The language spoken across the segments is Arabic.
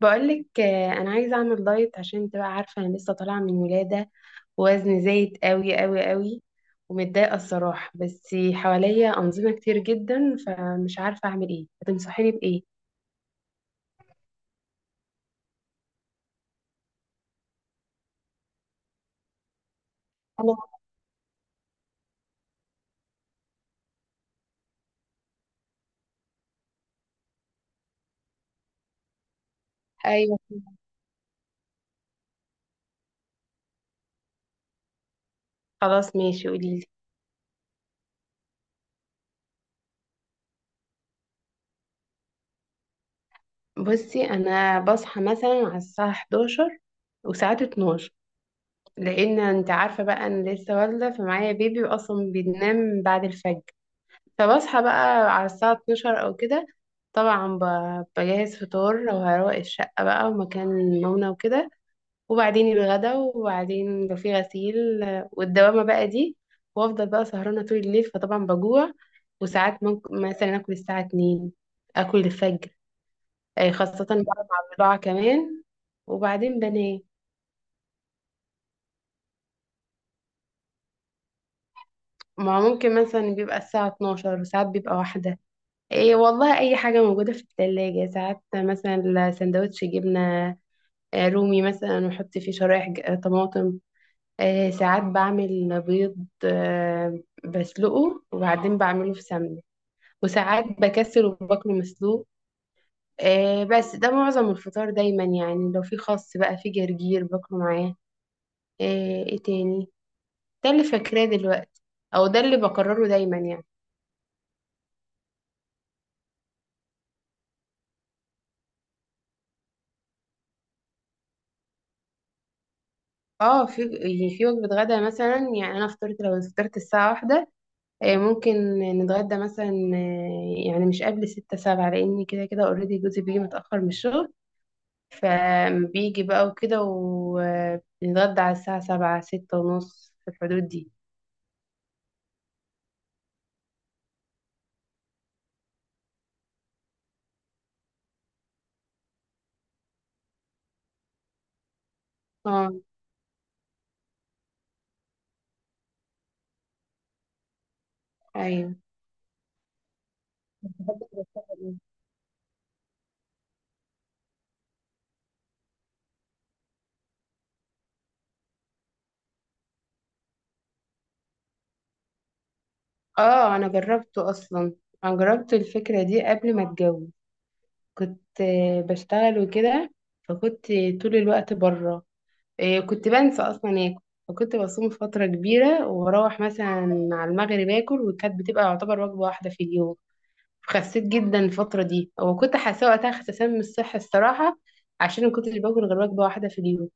بقولك انا عايزه اعمل دايت عشان انت بقى عارفه انا لسه طالعه من ولاده، ووزني زايد قوي قوي قوي. ومتضايقه الصراحه، بس حواليا انظمه كتير جدا، فمش عارفه اعمل ايه، هتنصحيني بايه؟ ايوه، خلاص ماشي قوليلي. بصي انا بصحى مثلا على الساعه 11، وساعات 12، لان انت عارفه بقى انا لسه والده، فمعايا بيبي واصلا بينام بعد الفجر. فبصحى بقى على الساعة 12 أو كده. طبعا بجهز فطار وهروق الشقة بقى ومكان نومنا وكده، وبعدين الغدا، وبعدين لو في غسيل والدوامة بقى دي، وأفضل بقى سهرانة طول الليل، فطبعا بجوع. وساعات ممكن مثلا آكل الساعة 2، آكل الفجر، خاصة بقى مع البضاعة كمان، وبعدين بنام. ما ممكن مثلا بيبقى الساعة 12، وساعات بيبقى واحدة. ايه والله اي حاجة موجودة في التلاجة، ساعات مثلا سندوتش جبنة رومي مثلا، واحط فيه شرايح طماطم. ساعات بعمل بيض، بسلقه وبعدين بعمله في سمنة، وساعات بكسر وباكله مسلوق. بس ده معظم الفطار دايما، يعني لو في خس بقى في جرجير باكله معاه. ايه تاني، ده اللي فاكراه دلوقتي، او ده اللي بكرره دايما يعني. اه في، يعني في وجبة غدا مثلا، يعني انا فطرت، لو فطرت الساعة واحدة ممكن نتغدى مثلا، يعني مش قبل ستة سبعة، لأن كده كده اوريدي جوزي بيجي متأخر من الشغل، فبيجي بقى وكده ونتغدى على الساعة سبعة ستة ونص، في الحدود دي. اه. أيوة. اه أنا جربته أصلا، أنا جربت الفكرة دي قبل ما أتجوز. كنت بشتغل وكده، فكنت طول الوقت بره، إيه كنت بنسى اصلا اكل. فكنت بصوم فتره كبيره، واروح مثلا على المغرب اكل، وكانت بتبقى يعتبر وجبه واحده في اليوم. خسيت جدا الفتره دي، وكنت حاسه وقتها خسسان من الصحه الصراحه، عشان ما كنتش باكل غير وجبه واحده في اليوم.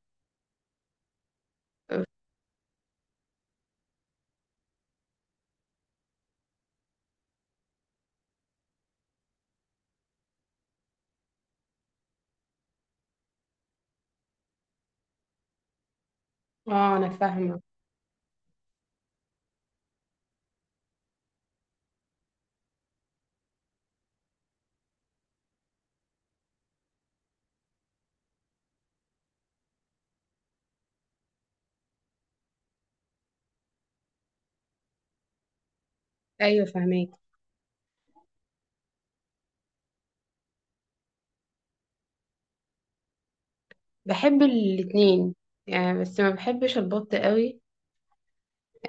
اه انا فاهمه. ايوه فاهماك. بحب الاتنين يعني، بس ما بحبش البط قوي.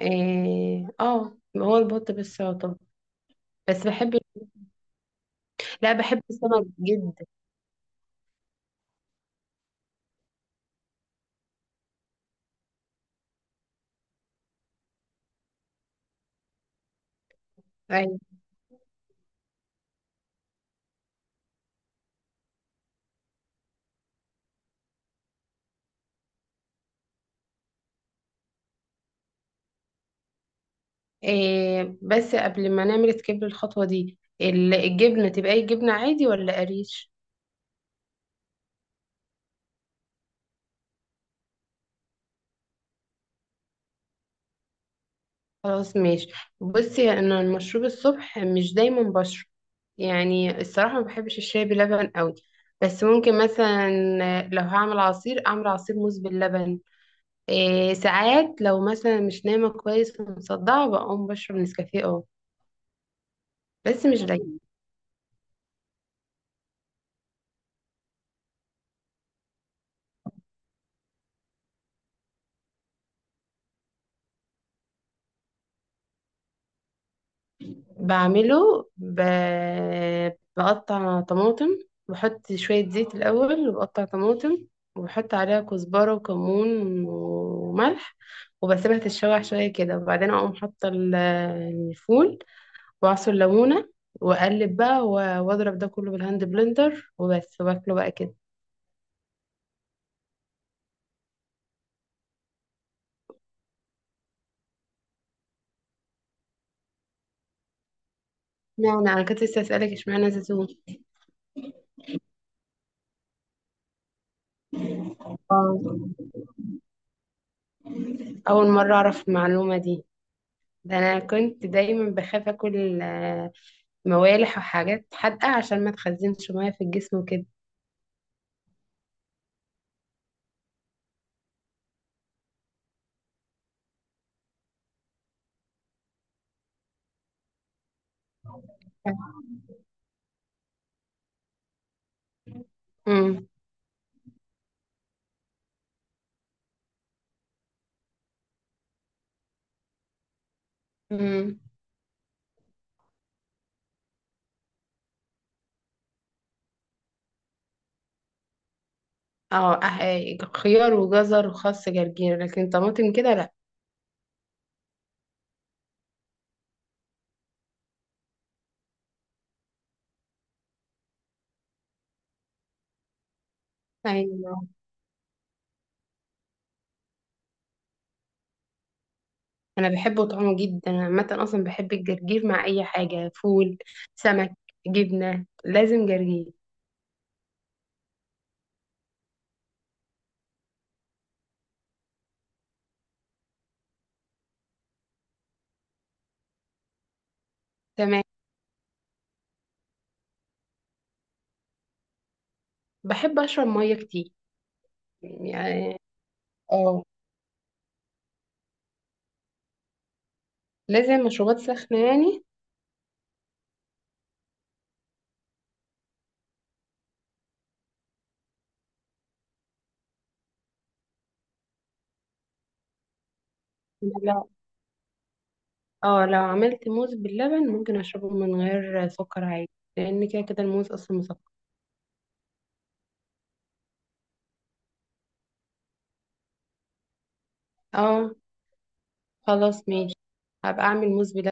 اه، هو البط بس يعتبر. بس بحب. لا بحب السمك جدا. أيوة. إيه، بس قبل ما نعمل سكيب للخطوة دي، الجبنة تبقى اي جبنة عادي ولا قريش؟ خلاص ماشي. بصي انا المشروب الصبح مش دايما بشرب، يعني الصراحة ما بحبش الشاي بلبن قوي. بس ممكن مثلا لو هعمل عصير اعمل عصير موز باللبن. إيه ساعات لو مثلا مش نايمة كويس ومصدعة بقوم بشرب نسكافيه اه، بس مش دايما. بعمله ب... بقطع طماطم، بحط شوية زيت الأول وبقطع طماطم، وبحط عليها كزبرة وكمون وملح، وبسيبها تتشوح شوية كده، وبعدين أقوم حاطة الفول، وأعصر ليمونة، وأقلب بقى وأضرب ده كله بالهاند بلندر وبس، وباكله بقى كده. اشمعنى، أنا كنت لسه أسألك، اشمعنى زيتون؟ آه. أول مرة أعرف المعلومة دي. ده أنا كنت دايما بخاف أكل موالح وحاجات حادقة عشان ما تخزنش مية في الجسم وكده. امم. امم. اه، خيار وجزر وخس جرجير، لكن طماطم كده لا. ايوه انا بحبه طعمه جدا، انا عامه اصلا بحب الجرجير مع اي حاجه: فول، سمك، جبنه، لازم جرجير. تمام. بحب اشرب ميه كتير يعني. اه، لازم مشروبات سخنه يعني. لا. اه لو عملت موز باللبن ممكن اشربه من غير سكر عادي، لان كده كده الموز اصلا مسكر. اه خلاص ماشي، هبقى أعمل موز بلبن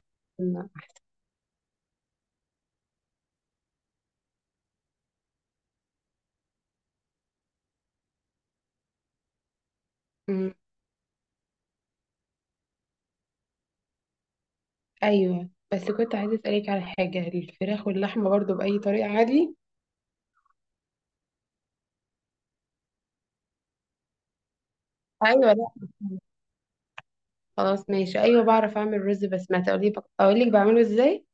أحسن. مم. أيوة، بس كنت عايزة أسألك على حاجة، الفراخ واللحمة برضو بأي طريقة عادي؟ أيوة لا. خلاص ماشي، أيوة بعرف أعمل رز بسمتي، أقول لك أقول لك بعمله إزاي.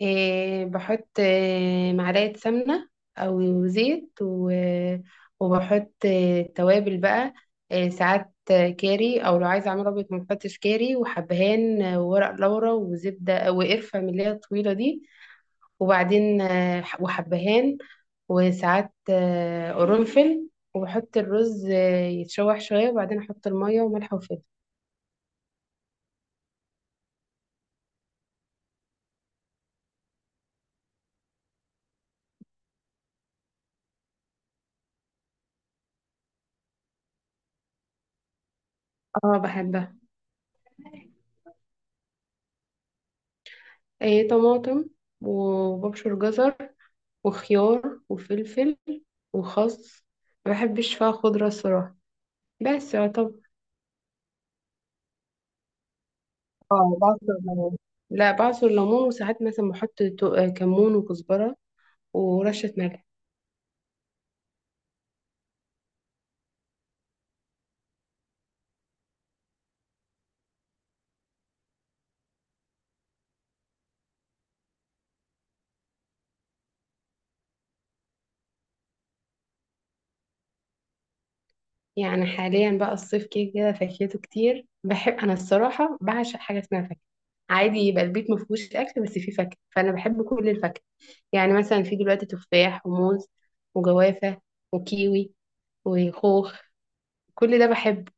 إيه بحط، إيه، معلقة سمنة أو زيت وبحط، إيه، توابل بقى. إيه ساعات كاري، أو لو عايزة أعمل أبيض ما بحطش كاري، وحبهان، وورق لورا وزبدة وقرفة من اللي هي الطويلة دي، وبعدين، وحبهان، وساعات قرنفل، وبحط الرز يتشوح شوية، وبعدين أحط المية وملح وفلفل. اه بحبها. طماطم، وببشر جزر، وخيار وفلفل، وخس. ما بحبش فيها خضرة صراحة، بس يعتبر. اه بعصر ليمون. لا بعصر ليمون، وساعات مثلا بحط كمون وكزبرة ورشة ملح. يعني حاليا بقى الصيف كده كده فاكهته كتير، بحب انا الصراحه، بعشق حاجه اسمها فاكهه. عادي يبقى البيت ما فيهوش اكل بس فيه فاكهه، فانا بحب كل الفاكهه. يعني مثلا في دلوقتي تفاح وموز وجوافه وكيوي وخوخ، كل ده بحبه.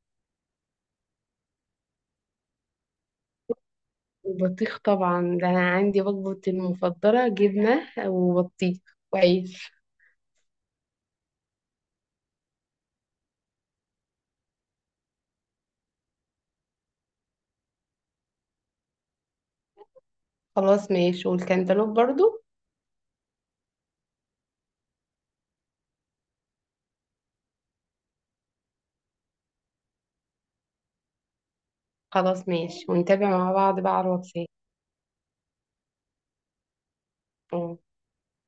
والبطيخ طبعا، ده انا عندي وجبتي المفضله: جبنه وبطيخ وعيش. خلاص ماشي، والكنتالوب برضو. خلاص ماشي ونتابع مع بعض بقى على الواتساب.